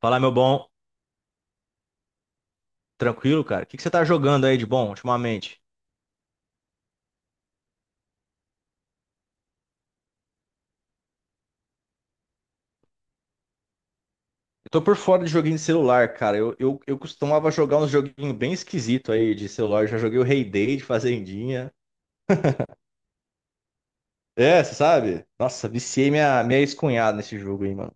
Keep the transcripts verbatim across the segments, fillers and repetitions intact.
Fala, meu bom. Tranquilo, cara? O que que você tá jogando aí de bom ultimamente? Eu tô por fora de joguinho de celular, cara. Eu, eu, eu costumava jogar uns joguinhos bem esquisitos aí de celular. Eu já joguei o Rei Day de Fazendinha. É, você sabe? Nossa, viciei minha, minha ex-cunhada nesse jogo aí, mano.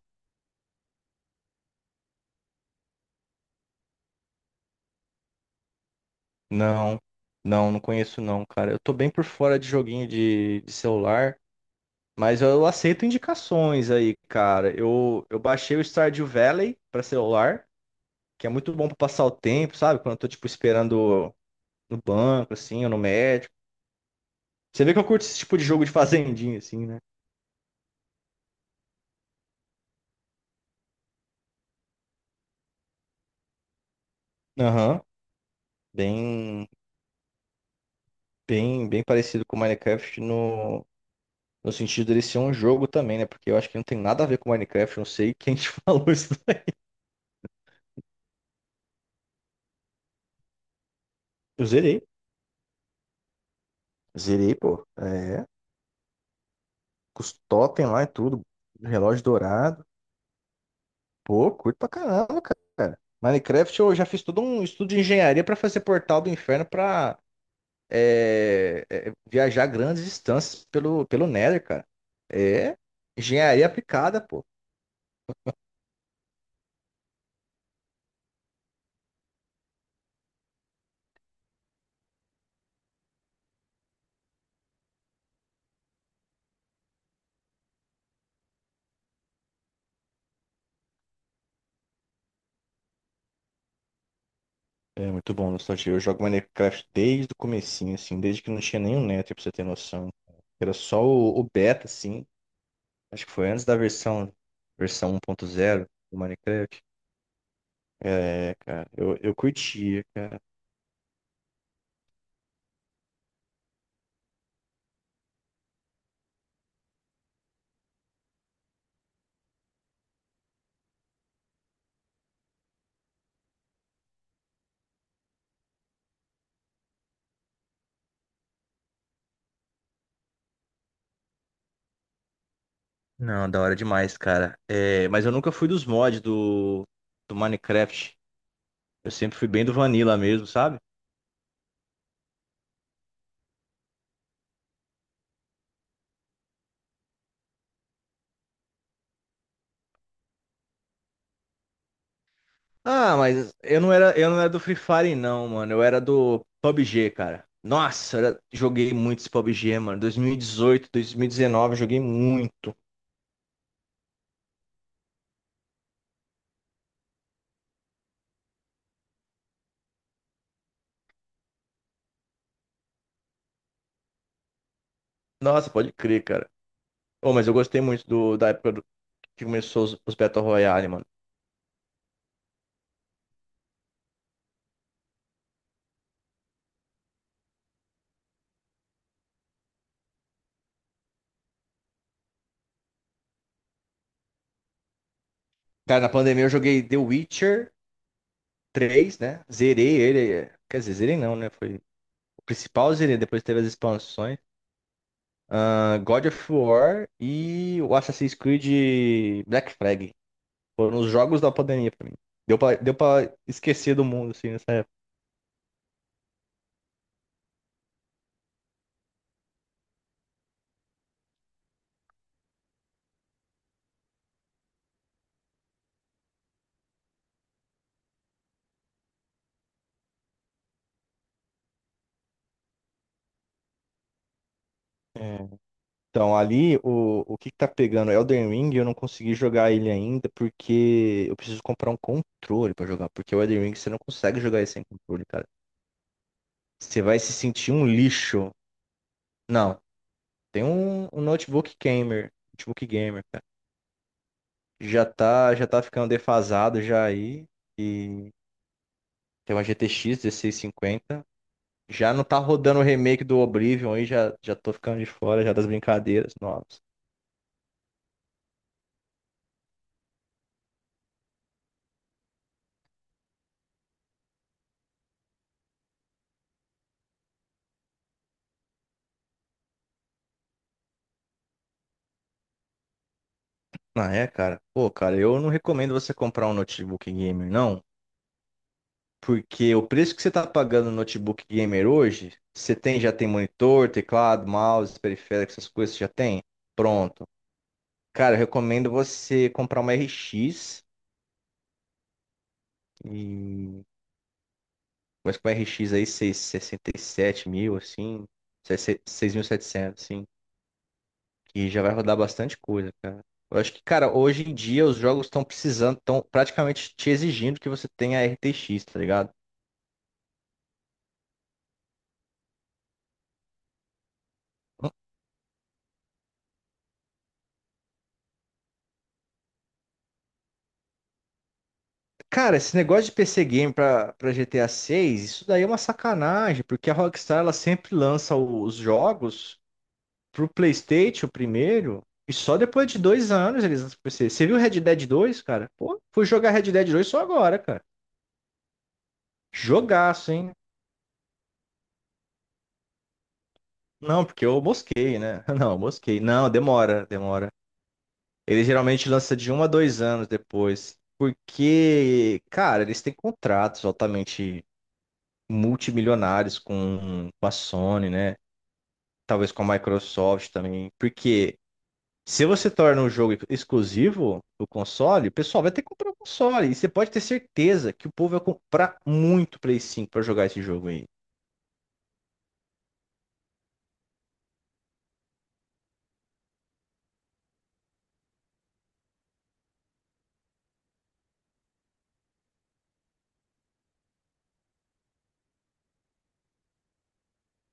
Não, não, não conheço não, cara. Eu tô bem por fora de joguinho de, de celular, mas eu aceito indicações aí, cara. Eu, eu baixei o Stardew Valley pra celular, que é muito bom pra passar o tempo, sabe? Quando eu tô, tipo, esperando no banco, assim, ou no médico. Você vê que eu curto esse tipo de jogo de fazendinha, assim, né? Aham. Bem, bem, bem parecido com Minecraft no, no sentido dele ser um jogo também, né? Porque eu acho que não tem nada a ver com Minecraft, não sei quem te falou isso daí. Eu zerei. Zerei, pô. É. Com os totem lá e tudo. Relógio dourado. Pô, curto pra caramba, cara. Minecraft eu já fiz todo um estudo de engenharia pra fazer portal do inferno pra é, é, viajar grandes distâncias pelo, pelo Nether, cara. É engenharia aplicada, pô. É muito bom, nostalgia. Eu jogo Minecraft desde o comecinho, assim, desde que não tinha nenhum Nether, pra você ter noção. Era só o, o beta, assim. Acho que foi antes da versão, versão um ponto zero do Minecraft. É, cara, eu, eu curtia, cara. Não, da hora demais, cara. É, mas eu nunca fui dos mods do, do Minecraft. Eu sempre fui bem do Vanilla mesmo, sabe? Ah, mas eu não era, eu não era do Free Fire, não, mano. Eu era do P U B G, cara. Nossa, eu era- joguei muito esse P U B G, mano. dois mil e dezoito, dois mil e dezenove, joguei muito. Nossa, pode crer, cara. Oh, mas eu gostei muito do, da época do- que começou os, os Battle Royale, mano. Cara, na pandemia eu joguei The Witcher três, né? Zerei ele. É. Quer dizer, zerei não, né? Foi o principal, zerei. Depois teve as expansões. Ah, God of War e o Assassin's Creed Black Flag. Foram os jogos da pandemia pra mim. Deu pra, deu pra esquecer do mundo, assim, nessa época. É. Então, ali, o, o que que tá pegando? Elden Ring, eu não consegui jogar ele ainda porque eu preciso comprar um controle pra jogar. Porque o Elden Ring, você não consegue jogar ele sem controle, cara. Você vai se sentir um lixo. Não, tem um, um notebook gamer. Notebook gamer, cara. Já tá, já tá ficando defasado já aí. E tem uma G T X cinquenta. Já não tá rodando o remake do Oblivion aí, já, já tô ficando de fora já das brincadeiras novas. Ah, é, cara? Pô, cara, eu não recomendo você comprar um notebook gamer, não. Porque o preço que você tá pagando no notebook gamer hoje, você tem, já tem monitor, teclado, mouse, periférico, essas coisas, você já tem? Pronto. Cara, eu recomendo você comprar uma R X e... Mas com a R X aí, seis sessenta e sete mil, assim, seis mil e setecentos assim. E já vai rodar bastante coisa, cara. Eu acho que, cara, hoje em dia os jogos estão precisando, estão praticamente te exigindo que você tenha R T X, tá ligado? Cara, esse negócio de P C Game pra, pra G T A seis, isso daí é uma sacanagem, porque a Rockstar ela sempre lança o- os jogos pro PlayStation primeiro, e só depois de dois anos eles lançam pro P C. Você viu Red Dead dois, cara? Pô, fui jogar Red Dead dois só agora, cara. Jogaço, hein? Não, porque eu mosquei, né? Não, eu mosquei. Não, demora, demora. Ele geralmente lança de um a dois anos depois. Porque, cara, eles têm contratos altamente multimilionários com, com a Sony, né? Talvez com a Microsoft também. Porque se você torna um jogo exclusivo do console, o pessoal vai ter que comprar o console. E você pode ter certeza que o povo vai comprar muito Play cinco pra jogar esse jogo aí.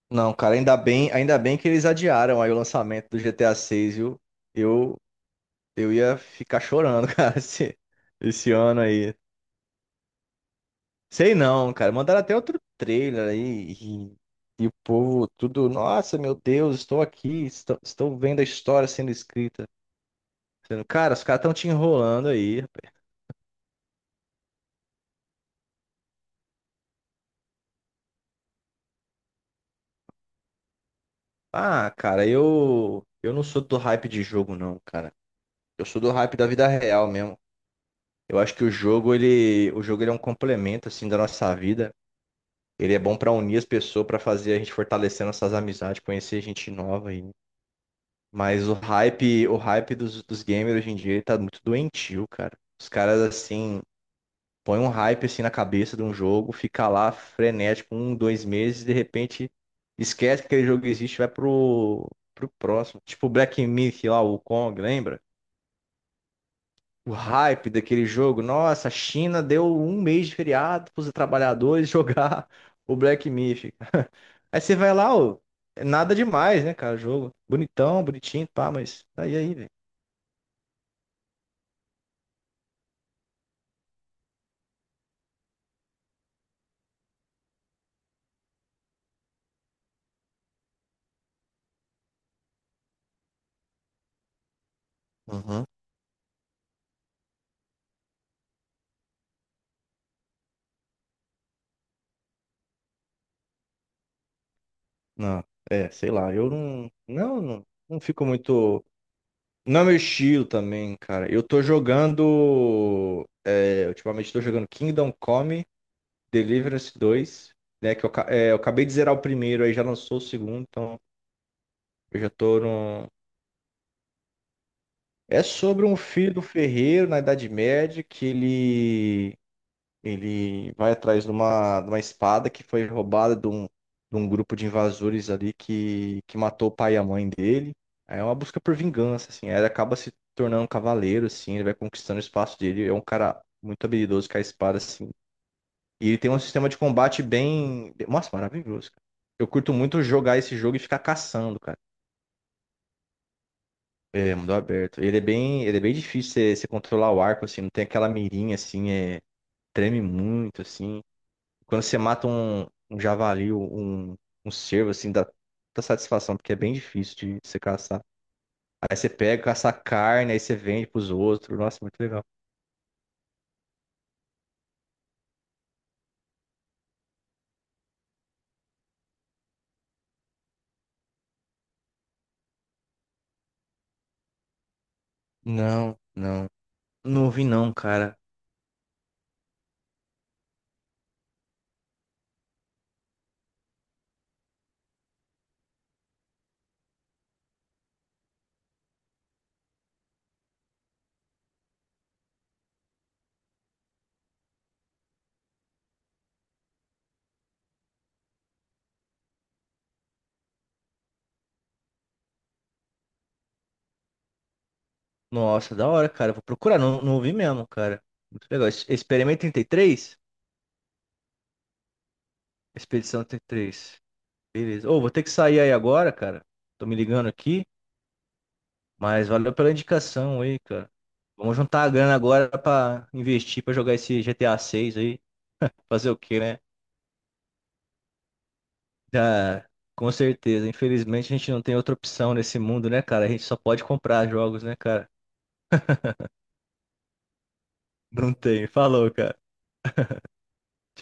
Não, cara, ainda bem, ainda bem que eles adiaram aí o lançamento do G T A seis, viu? Eu, eu ia ficar chorando, cara, se- esse ano aí. Sei não, cara. Mandaram até outro trailer aí. E, e o povo, tudo. Nossa, meu Deus, estou aqui. Estou, estou vendo a história sendo escrita. Sendo, cara, os caras estão te enrolando aí, rapaz. Ah, cara, eu. Eu não sou do hype de jogo, não, cara. Eu sou do hype da vida real mesmo. Eu acho que o jogo, ele. O jogo, ele é um complemento, assim, da nossa vida. Ele é bom pra unir as pessoas, pra fazer a gente fortalecer nossas amizades, conhecer gente nova. Mas o hype, o hype dos, dos gamers hoje em dia ele tá muito doentio, cara. Os caras assim, põem um hype assim na cabeça de um jogo, fica lá frenético um, dois meses, de repente esquece que aquele jogo existe, e vai pro, pro próximo. Tipo o Black Myth lá, o Kong, lembra? O hype daquele jogo, nossa, a China deu um mês de feriado pros trabalhadores jogar o Black Myth. Aí você vai lá, ó, nada demais, né, cara, o jogo. Bonitão, bonitinho, pá, mas tá aí aí, velho. Uhum. Não, é, sei lá, eu não, não, não, não fico muito. Não é meu estilo também, cara. Eu tô jogando. É, ultimamente tô jogando Kingdom Come Deliverance dois, né? Que eu, ca- é, eu acabei de zerar o primeiro, aí já lançou o segundo, então eu já tô no. É sobre um filho do ferreiro na Idade Média que ele. Ele vai atrás de uma, de uma espada que foi roubada de um, de um grupo de invasores ali que, que matou o pai e a mãe dele. Aí é uma busca por vingança, assim. Aí ele acaba se tornando um cavaleiro, assim. Ele vai conquistando o espaço dele. É um cara muito habilidoso com a espada, assim. E ele tem um sistema de combate bem... Nossa, maravilhoso, cara. Eu curto muito jogar esse jogo e ficar caçando, cara. É, mundo aberto. Ele é bem, ele é bem difícil você você controlar o arco, assim. Não tem aquela mirinha, assim. É, treme muito, assim. Quando você mata um, um javali, um, um cervo, assim, dá muita satisfação, porque é bem difícil de você caçar. Aí você pega, caça a carne, aí você vende pros outros. Nossa, muito legal. Não, não. Não ouvi não, cara. Nossa, da hora, cara. Vou procurar. Não, não ouvi mesmo, cara. Muito legal. Ex- Experimento trinta e três? Expedição trinta e três. Beleza. Ô, vou ter que sair aí agora, cara. Tô me ligando aqui. Mas valeu pela indicação aí, cara. Vamos juntar a grana agora pra investir, pra jogar esse G T A seis aí. Fazer o quê, né? Ah, com certeza. Infelizmente a gente não tem outra opção nesse mundo, né, cara? A gente só pode comprar jogos, né, cara? Não tem. Falou, cara.